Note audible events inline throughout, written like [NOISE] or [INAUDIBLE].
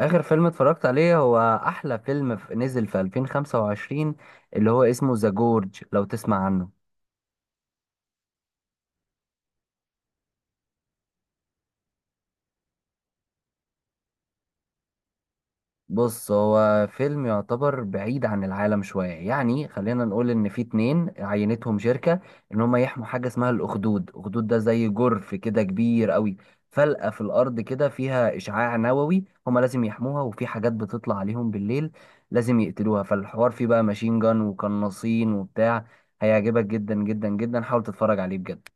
آخر فيلم اتفرجت عليه هو أحلى فيلم نزل في 2025، اللي هو اسمه ذا جورج، لو تسمع عنه. بص، هو فيلم يعتبر بعيد عن العالم شوية، يعني خلينا نقول إن في اتنين عينتهم شركة إن هما يحموا حاجة اسمها الأخدود. الأخدود ده زي جرف كده كبير قوي، فلقة في الأرض كده فيها إشعاع نووي، هما لازم يحموها، وفي حاجات بتطلع عليهم بالليل لازم يقتلوها. فالحوار فيه بقى ماشين جان وقناصين وبتاع. هيعجبك جدا جدا جدا، حاول تتفرج عليه بجد.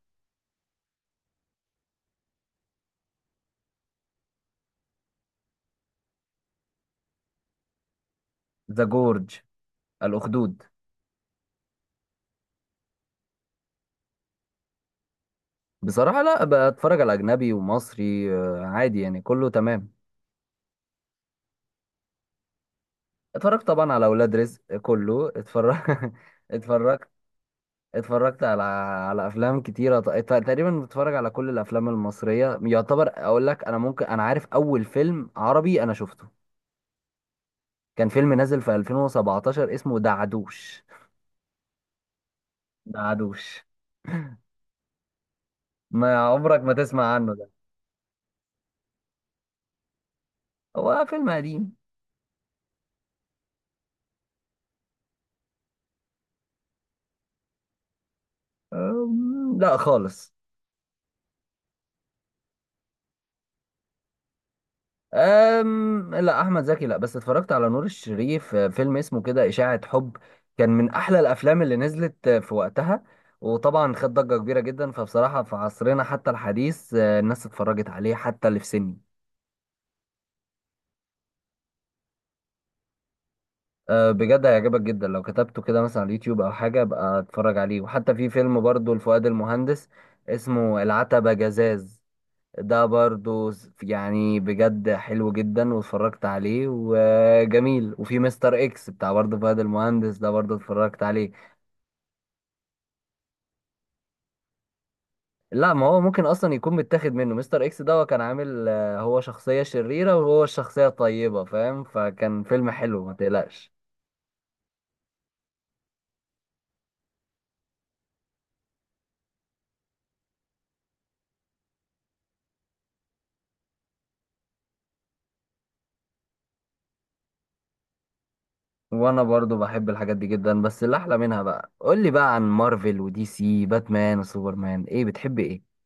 ذا جورج الأخدود. بصراحة لا، بتفرج على أجنبي ومصري، عادي يعني كله تمام. اتفرجت طبعا على أولاد رزق، كله اتفرج. [LAUGHS] اتفرجت اتفرجت على أفلام كتيرة. تقريبا بتفرج على كل الأفلام المصرية يعتبر. أقول لك، أنا ممكن، أنا عارف أول فيلم عربي أنا شفته، كان فيلم نازل في 2017 اسمه دعدوش. دعدوش. ما عمرك ما تسمع عنه ده، هو فيلم قديم. لا خالص. لا، احمد زكي لا، بس اتفرجت على نور الشريف. فيلم اسمه كده اشاعة حب، كان من احلى الافلام اللي نزلت في وقتها، وطبعا خد ضجة كبيرة جدا. فبصراحة في عصرنا حتى الحديث، الناس اتفرجت عليه حتى اللي في سني. بجد هيعجبك جدا، لو كتبته كده مثلا على اليوتيوب او حاجة، ابقى اتفرج عليه. وحتى في فيلم برضو لفؤاد المهندس اسمه العتبة جزاز، ده برضو يعني بجد حلو جدا، واتفرجت عليه وجميل. وفي مستر اكس بتاع برضو فهد المهندس، ده برضو اتفرجت عليه. لا، ما هو ممكن اصلا يكون متاخد منه. مستر اكس ده، هو كان عامل، هو شخصية شريرة وهو الشخصية الطيبة، فاهم؟ فكان فيلم حلو، ما تقلقش. وانا برضو بحب الحاجات دي جدا، بس اللي احلى منها بقى، قول لي بقى عن مارفل ودي سي، باتمان وسوبرمان، ايه بتحب ايه؟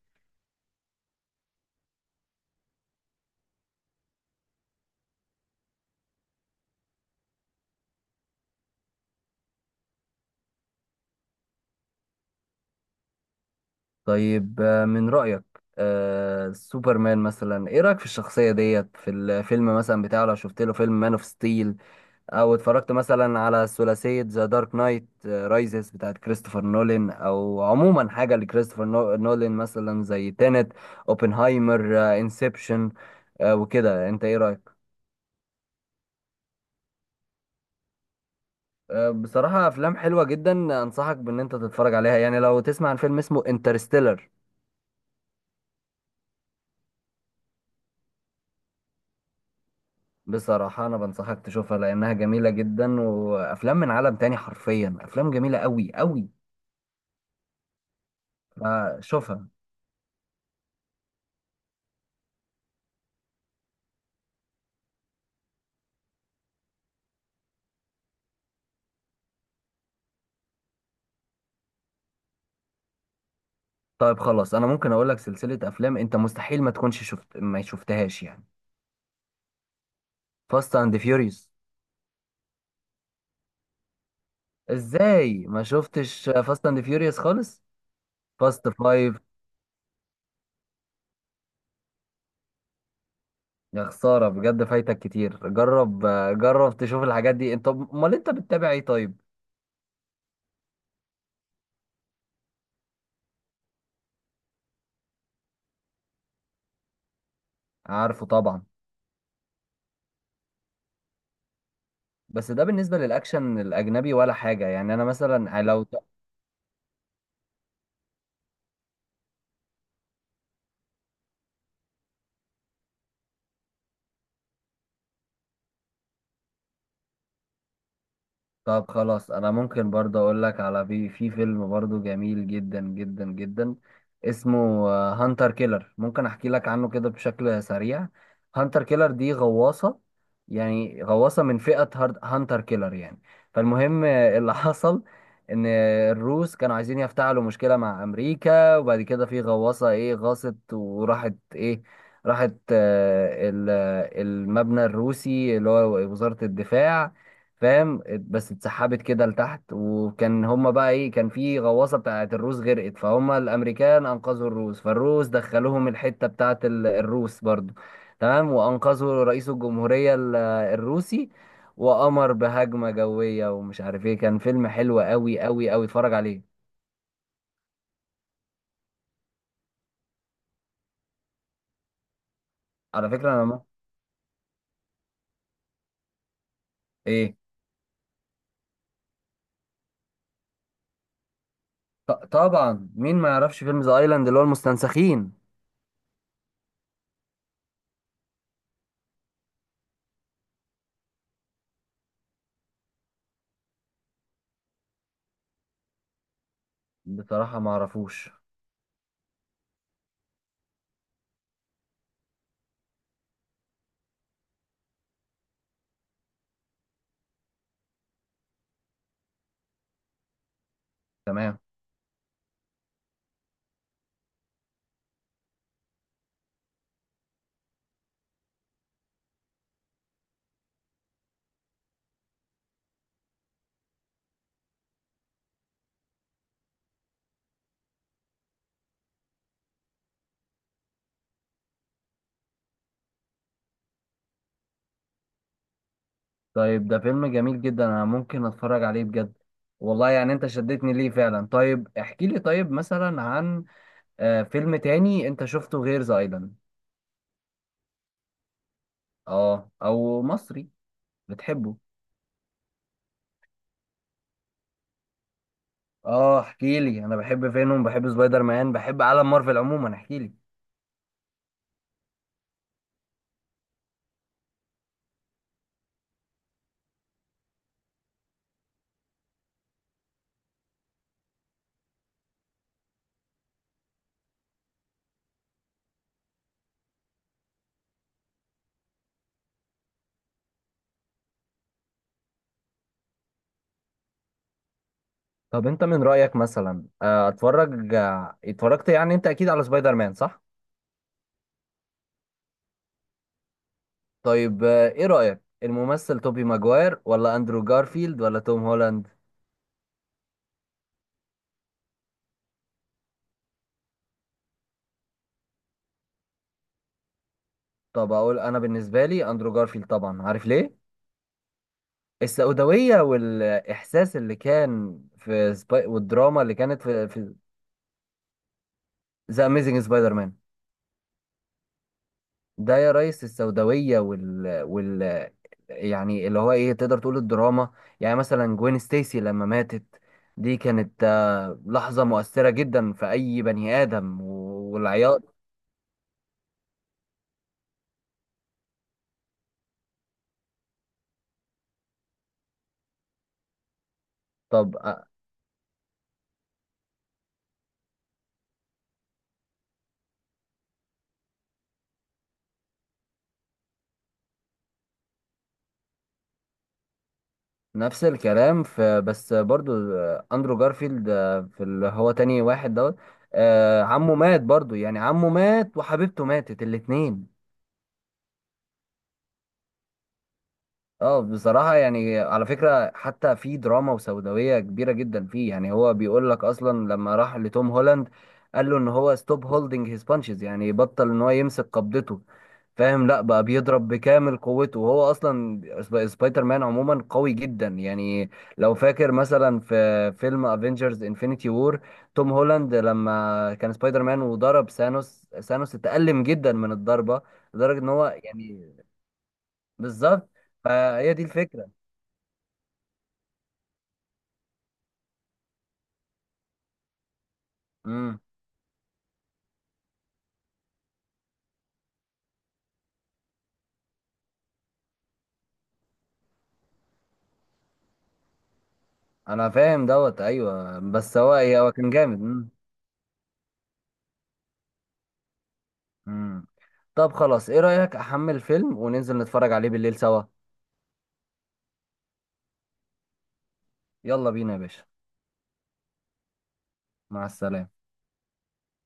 طيب، من رأيك، سوبرمان مثلا ايه رأيك في الشخصية ديت في الفيلم مثلا بتاعه؟ لو شفت له فيلم مان اوف ستيل، او اتفرجت مثلا على ثلاثية ذا دارك نايت رايزز بتاعت كريستوفر نولان، او عموما حاجة لكريستوفر نولان، مثلا زي تينت، اوبنهايمر، انسبشن، آه، وكده، انت ايه رأيك؟ بصراحة أفلام حلوة جدا، أنصحك بإن أنت تتفرج عليها، يعني لو تسمع عن فيلم اسمه انترستيلر. بصراحة أنا بنصحك تشوفها لأنها جميلة جدا، وأفلام من عالم تاني، حرفيا أفلام جميلة أوي أوي، فشوفها. طيب خلاص، أنا ممكن أقول لك سلسلة أفلام أنت مستحيل ما تكونش شفت، ما شفتهاش يعني. فاست أند فيوريوس. إزاي ما شفتش فاست أند فيوريوس خالص؟ فاست فايف. يا خسارة بجد، فايتك كتير. جرب، جرب تشوف الحاجات دي. أنت أمال أنت بتتابع إيه طيب؟ عارفه طبعا. بس ده بالنسبة للأكشن الأجنبي ولا حاجة، يعني أنا مثلا لو. طب خلاص، انا ممكن برضه اقول لك على في فيلم برضه جميل جدا جدا جدا، اسمه هانتر كيلر. ممكن احكي لك عنه كده بشكل سريع. هانتر كيلر دي غواصة، يعني غواصة من فئة هانتر كيلر يعني. فالمهم، اللي [LAUGHS] حصل ان الروس كانوا عايزين يفتعلوا مشكلة مع امريكا. وبعد كده في غواصة ايه، غاصت وراحت ايه، راحت، المبنى الروسي اللي هو وزارة الدفاع، فاهم؟ بس اتسحبت كده لتحت. وكان هما بقى ايه، كان في غواصة بتاعت الروس غرقت، فهم الامريكان انقذوا الروس، فالروس دخلوهم الحتة بتاعت الروس برضو، تمام، وانقذوا رئيس الجمهورية الروسي، وأمر بهجمة جوية ومش عارف ايه. كان فيلم حلو قوي قوي قوي، اتفرج عليه. على فكرة انا ما. [LAUGHS] ايه؟ طبعا، مين ما يعرفش فيلم ذا ايلاند اللي هو المستنسخين؟ بصراحة ما اعرفوش. تمام. طيب، ده فيلم جميل جدا، انا ممكن اتفرج عليه بجد والله. يعني انت شدتني ليه فعلا. طيب احكي لي، طيب مثلا عن فيلم تاني انت شفته غير ذا ايلاند. اه، او مصري. بتحبه؟ اه احكي لي، انا بحب فينوم، بحب سبايدر مان، بحب عالم مارفل عموما، احكي لي. طب انت من رأيك مثلا، اتفرجت يعني، انت اكيد على سبايدر مان، صح؟ طيب ايه رأيك الممثل توبي ماجواير ولا اندرو جارفيلد ولا توم هولاند؟ طب اقول انا بالنسبه لي اندرو جارفيلد، طبعا. عارف ليه؟ السوداويه والاحساس اللي كان في والدراما اللي كانت في ذا اميزنج سبايدر مان. ده يا ريس، السوداويه وال يعني، اللي هو ايه، تقدر تقول الدراما. يعني مثلا جوين ستيسي لما ماتت، دي كانت لحظه مؤثره جدا في اي بني ادم والعياط. طب نفس الكلام، في بس برضو اندرو جارفيلد في اللي هو تاني واحد دوت، عمه مات برضو، يعني عمه مات وحبيبته ماتت الاتنين. اه بصراحة يعني، على فكرة، حتى في دراما وسوداوية كبيرة جدا فيه، يعني هو بيقول لك أصلا. لما راح لتوم هولاند قال له إن هو ستوب هولدنج هيز بانشز، يعني بطل إن هو يمسك قبضته، فاهم؟ لا بقى بيضرب بكامل قوته، وهو أصلا سبايدر مان عموما قوي جدا يعني. لو فاكر مثلا في فيلم افنجرز انفينيتي وور، توم هولاند لما كان سبايدر مان وضرب ثانوس، ثانوس اتألم جدا من الضربة، لدرجة إن هو يعني. بالظبط، فهي دي الفكرة. امم انا فاهم دوت، ايوه، بس هو هو كان جامد. أمم. طب خلاص، ايه رأيك احمل فيلم وننزل نتفرج عليه بالليل سوا؟ يلا بينا يا باشا. مع السلامة.